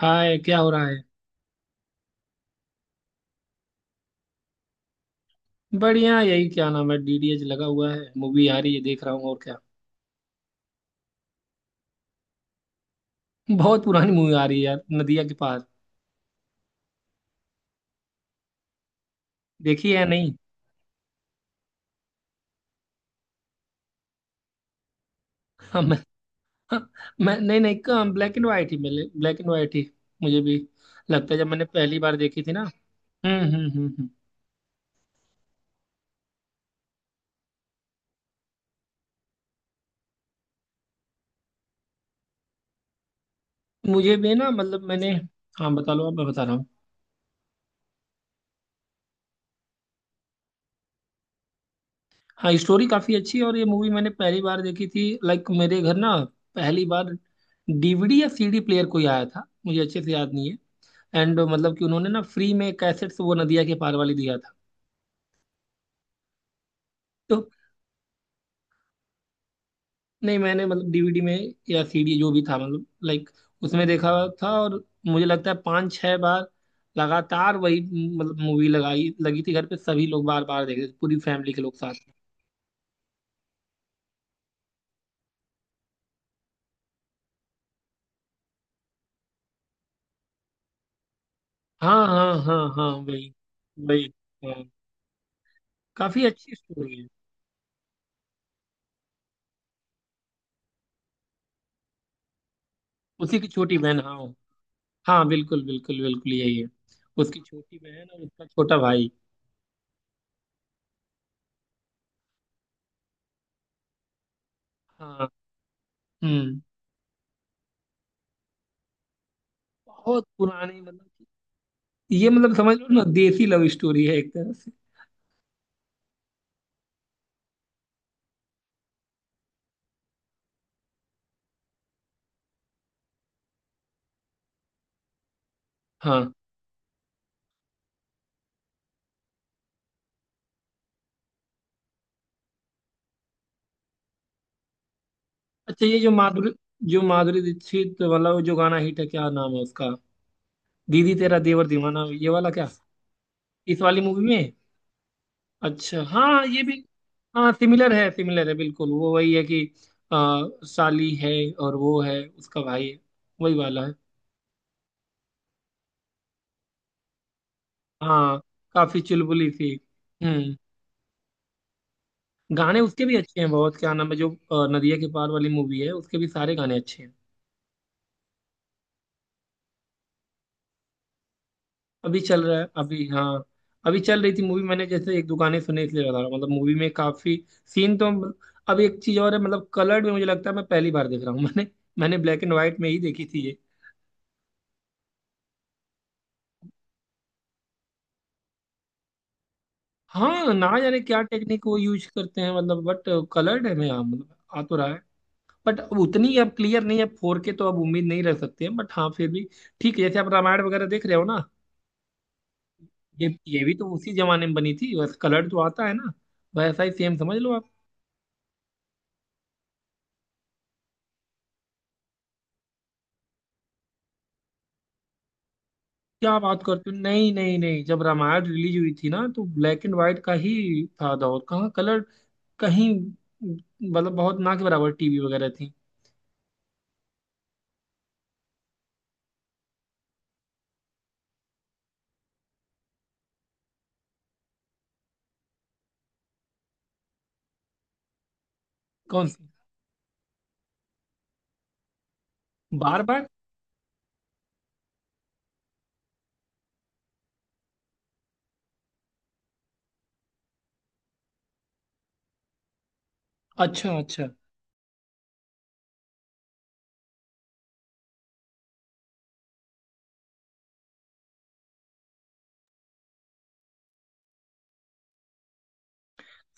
हाय, क्या हो रहा है? बढ़िया। यही क्या नाम है, डीडीएच लगा हुआ है, मूवी आ रही है, देख रहा हूँ। और क्या। बहुत पुरानी मूवी आ रही है यार, नदिया के पार। देखी है या नहीं? हाँ, मैं। हाँ, मैं नहीं नहीं, ब्लैक एंड वाइट ही मिले, ब्लैक एंड वाइट ही। मुझे भी लगता है जब मैंने पहली बार देखी थी ना। हम्म हम्म हम्म हम्म। मुझे भी ना, मतलब मैंने... हाँ बता लो आप, मैं बता रहा हूँ। हाँ, स्टोरी काफी अच्छी है और ये मूवी मैंने पहली बार देखी थी, लाइक मेरे घर ना पहली बार डीवीडी या सीडी प्लेयर कोई आया था, मुझे अच्छे से याद नहीं है। एंड मतलब कि उन्होंने ना फ्री में कैसेट्स वो नदिया के पार वाली दिया था तो। नहीं, मैंने मतलब डीवीडी में या सीडी जो भी था, मतलब लाइक उसमें देखा था। और मुझे लगता है पाँच छह बार लगातार वही, मतलब मूवी लगाई लगी थी घर पे, सभी लोग बार बार देख रहे थे, पूरी फैमिली के लोग साथ में। हाँ हाँ हाँ हाँ, वही वही। हाँ, काफी अच्छी स्टोरी है। उसी की छोटी बहन, हाँ। हाँ, बिल्कुल बिल्कुल बिल्कुल यही है। उसकी छोटी बहन और उसका छोटा भाई। हाँ। हम्म। बहुत पुरानी, मतलब ये, मतलब समझ लो ना, देसी लव स्टोरी है एक तरह से। हाँ। अच्छा, ये जो माधुरी दीक्षित वाला, वो जो गाना हिट है, क्या नाम है उसका, दीदी तेरा देवर दीवाना, ये वाला क्या? इस वाली मूवी में? अच्छा, हाँ, ये भी। हाँ, सिमिलर है, सिमिलर है, बिल्कुल वो वही है कि साली है और वो है, उसका भाई है, वही वाला है। हाँ। काफी चुलबुली सी। हम्म। गाने उसके भी अच्छे हैं बहुत, क्या नाम है, जो नदिया के पार वाली मूवी है, उसके भी सारे गाने अच्छे हैं। अभी चल रहा है अभी, हाँ। अभी चल रही थी मूवी, मैंने जैसे एक दुकाने सुने इसलिए बता रहा हूँ, मतलब मूवी में काफी सीन तो... अब एक चीज और है, मतलब कलर्ड में मुझे लगता है मैं पहली बार देख रहा हूँ। मैंने मैंने ब्लैक एंड व्हाइट में ही देखी थी ये। हाँ, ना जाने क्या टेक्निक वो यूज करते हैं, मतलब बट कलर्ड है, मैं हाँ, मतलब आ तो रहा है। बट अब उतनी, अब क्लियर नहीं है, फोर के तो अब उम्मीद नहीं रख सकते हैं, बट हाँ फिर भी। ठीक है, जैसे आप रामायण वगैरह देख रहे हो ना, ये भी तो उसी जमाने में बनी थी, बस कलर्ड तो आता है ना, वैसा ही सेम समझ लो आप। क्या बात करते हो, नहीं नहीं नहीं, जब रामायण रिलीज हुई थी ना तो ब्लैक एंड व्हाइट का ही था दौर, कहाँ कलर कहीं, मतलब बहुत ना के बराबर टीवी वगैरह थी। कौन सी? बार बार। अच्छा अच्छा।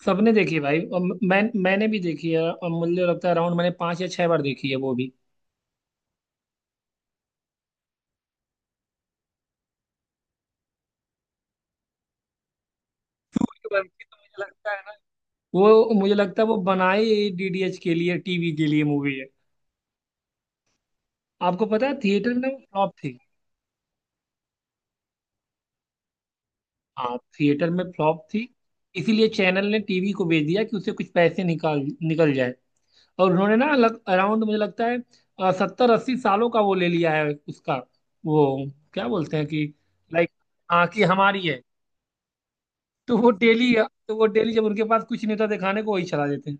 सबने देखी है भाई, और मैंने भी देखी है, और मुझे लगता है अराउंड मैंने पांच या छह बार देखी है वो भी। सूर्यवंशी तो मुझे लगता है ना, वो मुझे लगता है वो बनाई डीडीएच के लिए, टीवी के लिए मूवी है। आपको पता है थिएटर में ना वो फ्लॉप थी। हाँ, थिएटर में फ्लॉप थी। इसीलिए चैनल ने टीवी को भेज दिया कि उससे कुछ पैसे निकाल निकल जाए। और उन्होंने ना लग अराउंड मुझे लगता है 70-80 सालों का वो ले लिया है उसका। वो क्या बोलते हैं कि लाइक हाँ कि हमारी है। तो वो डेली तो वो डेली जब उनके पास कुछ नहीं होता दिखाने को, वही चला देते हैं।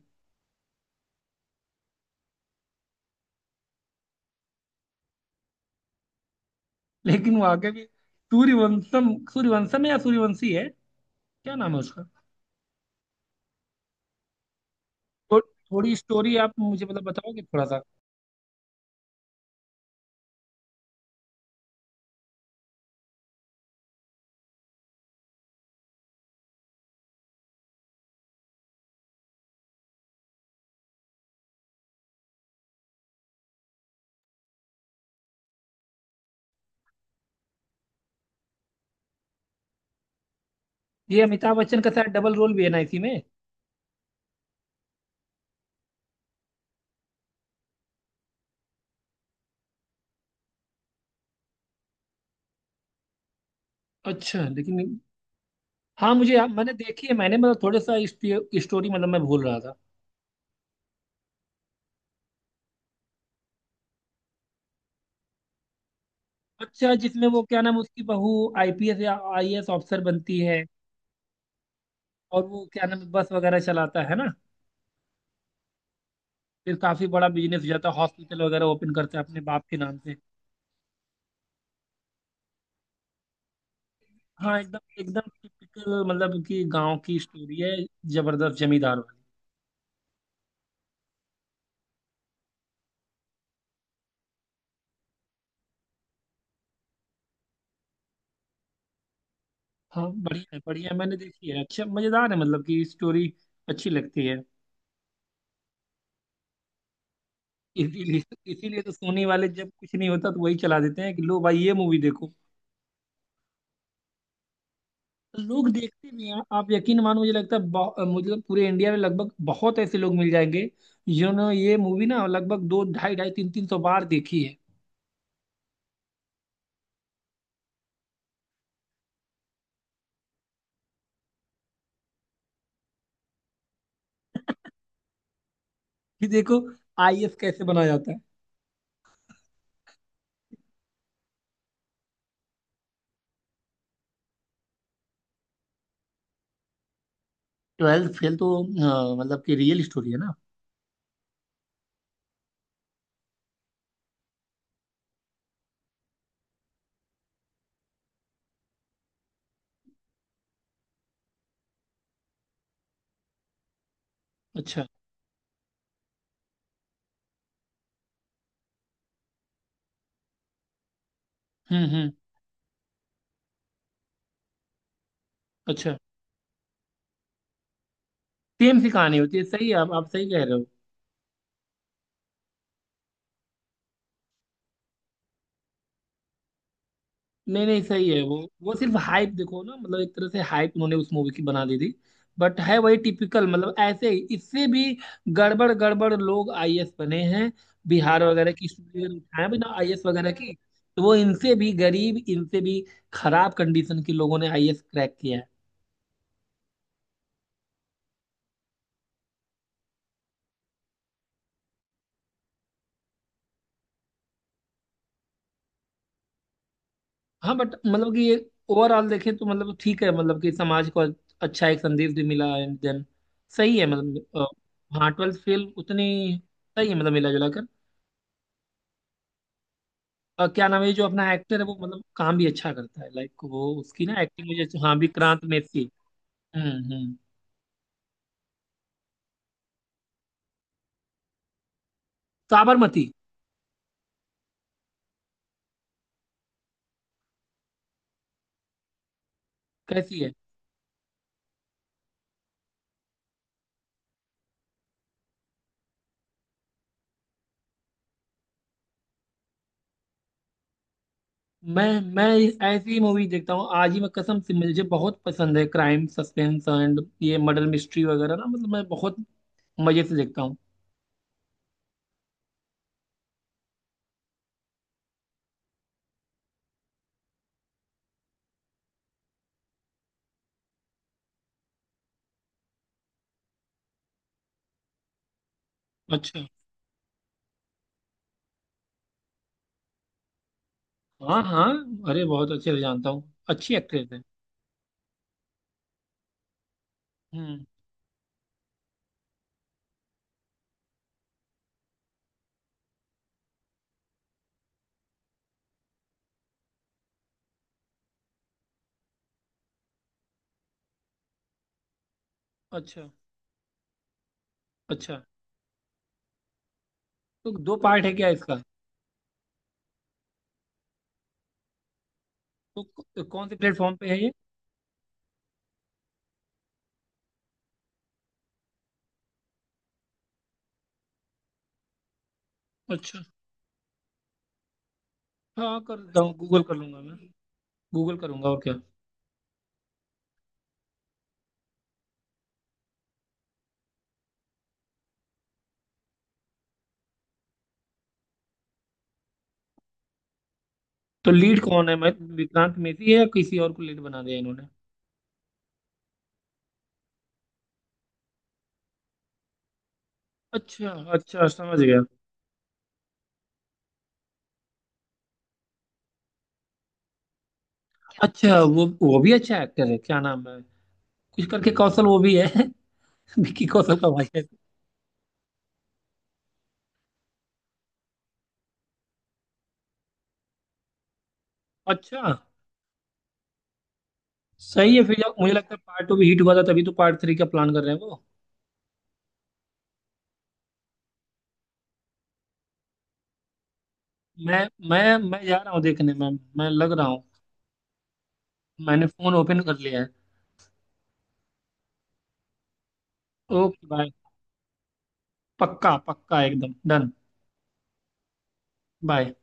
लेकिन वहाँ के भी सूर्यवंशम, सूर्यवंशम है या सूर्यवंशी है, क्या नाम है उसका? थोड़ी स्टोरी आप मुझे मतलब बताओगे थोड़ा सा? ये अमिताभ बच्चन का शायद डबल रोल भी है ना इसी में। अच्छा लेकिन... हाँ मुझे मैंने देखी है मैंने, मतलब थोड़ा सा स्टोरी, मतलब मैं भूल रहा था। अच्छा, जिसमें वो क्या नाम, उसकी बहू आईपीएस या आईएएस ऑफिसर बनती है, और वो क्या नाम, बस वगैरह चलाता है ना। फिर काफी बड़ा बिजनेस हो जाता है, हॉस्पिटल वगैरह ओपन करता है अपने बाप के नाम से। हाँ, एकदम एकदम टिपिकल, मतलब कि गांव की स्टोरी है, जबरदस्त जमींदार वाली। हाँ बढ़िया है, मैंने देखी है, अच्छा मजेदार है, मतलब कि स्टोरी अच्छी लगती है। इसीलिए इसीलिए तो सोनी वाले, जब कुछ नहीं होता तो वही चला देते हैं, कि लो भाई ये मूवी देखो। लोग देखते भी हैं, आप यकीन मानो, मुझे लगता है मुझे पूरे इंडिया में लगभग बहुत ऐसे लोग मिल जाएंगे जिन्होंने ये मूवी ना लगभग दो ढाई ढाई तीन तीन सौ बार देखी है, कि देखो आईएएस कैसे बना जाता है। ट्वेल्थ फेल तो मतलब कि रियल स्टोरी है ना। अच्छा, हम्म, अच्छा। सेम सी कहानी होती है, सही है, आप सही कह रहे हो। नहीं नहीं, सही है वो सिर्फ हाइप देखो ना, मतलब एक तरह से हाइप उन्होंने उस मूवी की बना दी थी। बट है वही टिपिकल, मतलब ऐसे ही, इससे भी गड़बड़ गड़बड़ लोग आईएएस बने हैं, बिहार वगैरह की स्टूडेंट उठाए बिना आईएएस वगैरह की। तो वो इनसे भी गरीब, इनसे भी खराब कंडीशन के लोगों ने आईएएस क्रैक किया है। हाँ बट मतलब कि ये ओवरऑल देखें तो मतलब ठीक है, मतलब कि समाज को अच्छा एक संदेश भी मिला, एंड देन सही है, मतलब हाँ, ट्वेल्थ फेल उतनी सही है, मतलब मिला जुला। क्या नाम है ये जो अपना एक्टर है वो, मतलब काम भी अच्छा करता है, लाइक वो उसकी ना एक्टिंग मुझे हाँ, विक्रांत मेसी। हम्म। साबरमती। कैसी है? मैं मैं ऐसी मूवी देखता हूँ, आज ही मैं कसम से, मुझे बहुत पसंद है क्राइम सस्पेंस एंड ये मर्डर मिस्ट्री वगैरह ना, मतलब मैं बहुत मजे से देखता हूँ। अच्छा, हाँ हाँ, अरे बहुत अच्छे से जानता हूँ, अच्छी एक्ट्रेस है। हम्म। अच्छा अच्छा। तो दो पार्ट है क्या इसका? तो कौन से प्लेटफॉर्म पे है ये? अच्छा, हाँ कर देता हूँ, गूगल कर लूंगा मैं। गूगल करूंगा और क्या। तो लीड कौन है, मैं... विक्रांत मेसी है, या किसी और को लीड बना दिया इन्होंने? अच्छा अच्छा, समझ गया। अच्छा, वो भी अच्छा एक्टर है, क्या नाम है, कुछ करके कौशल, वो भी है। विकी कौशल का भाई है। अच्छा, सही है, फिर जब मुझे लगता है पार्ट टू भी हिट हुआ था तभी तो पार्ट थ्री का प्लान कर रहे हैं वो। मैं जा रहा हूँ देखने में, मैं लग रहा हूँ, मैंने फोन ओपन कर लिया है। Okay, bye. पक्का पक्का एकदम डन। बाय।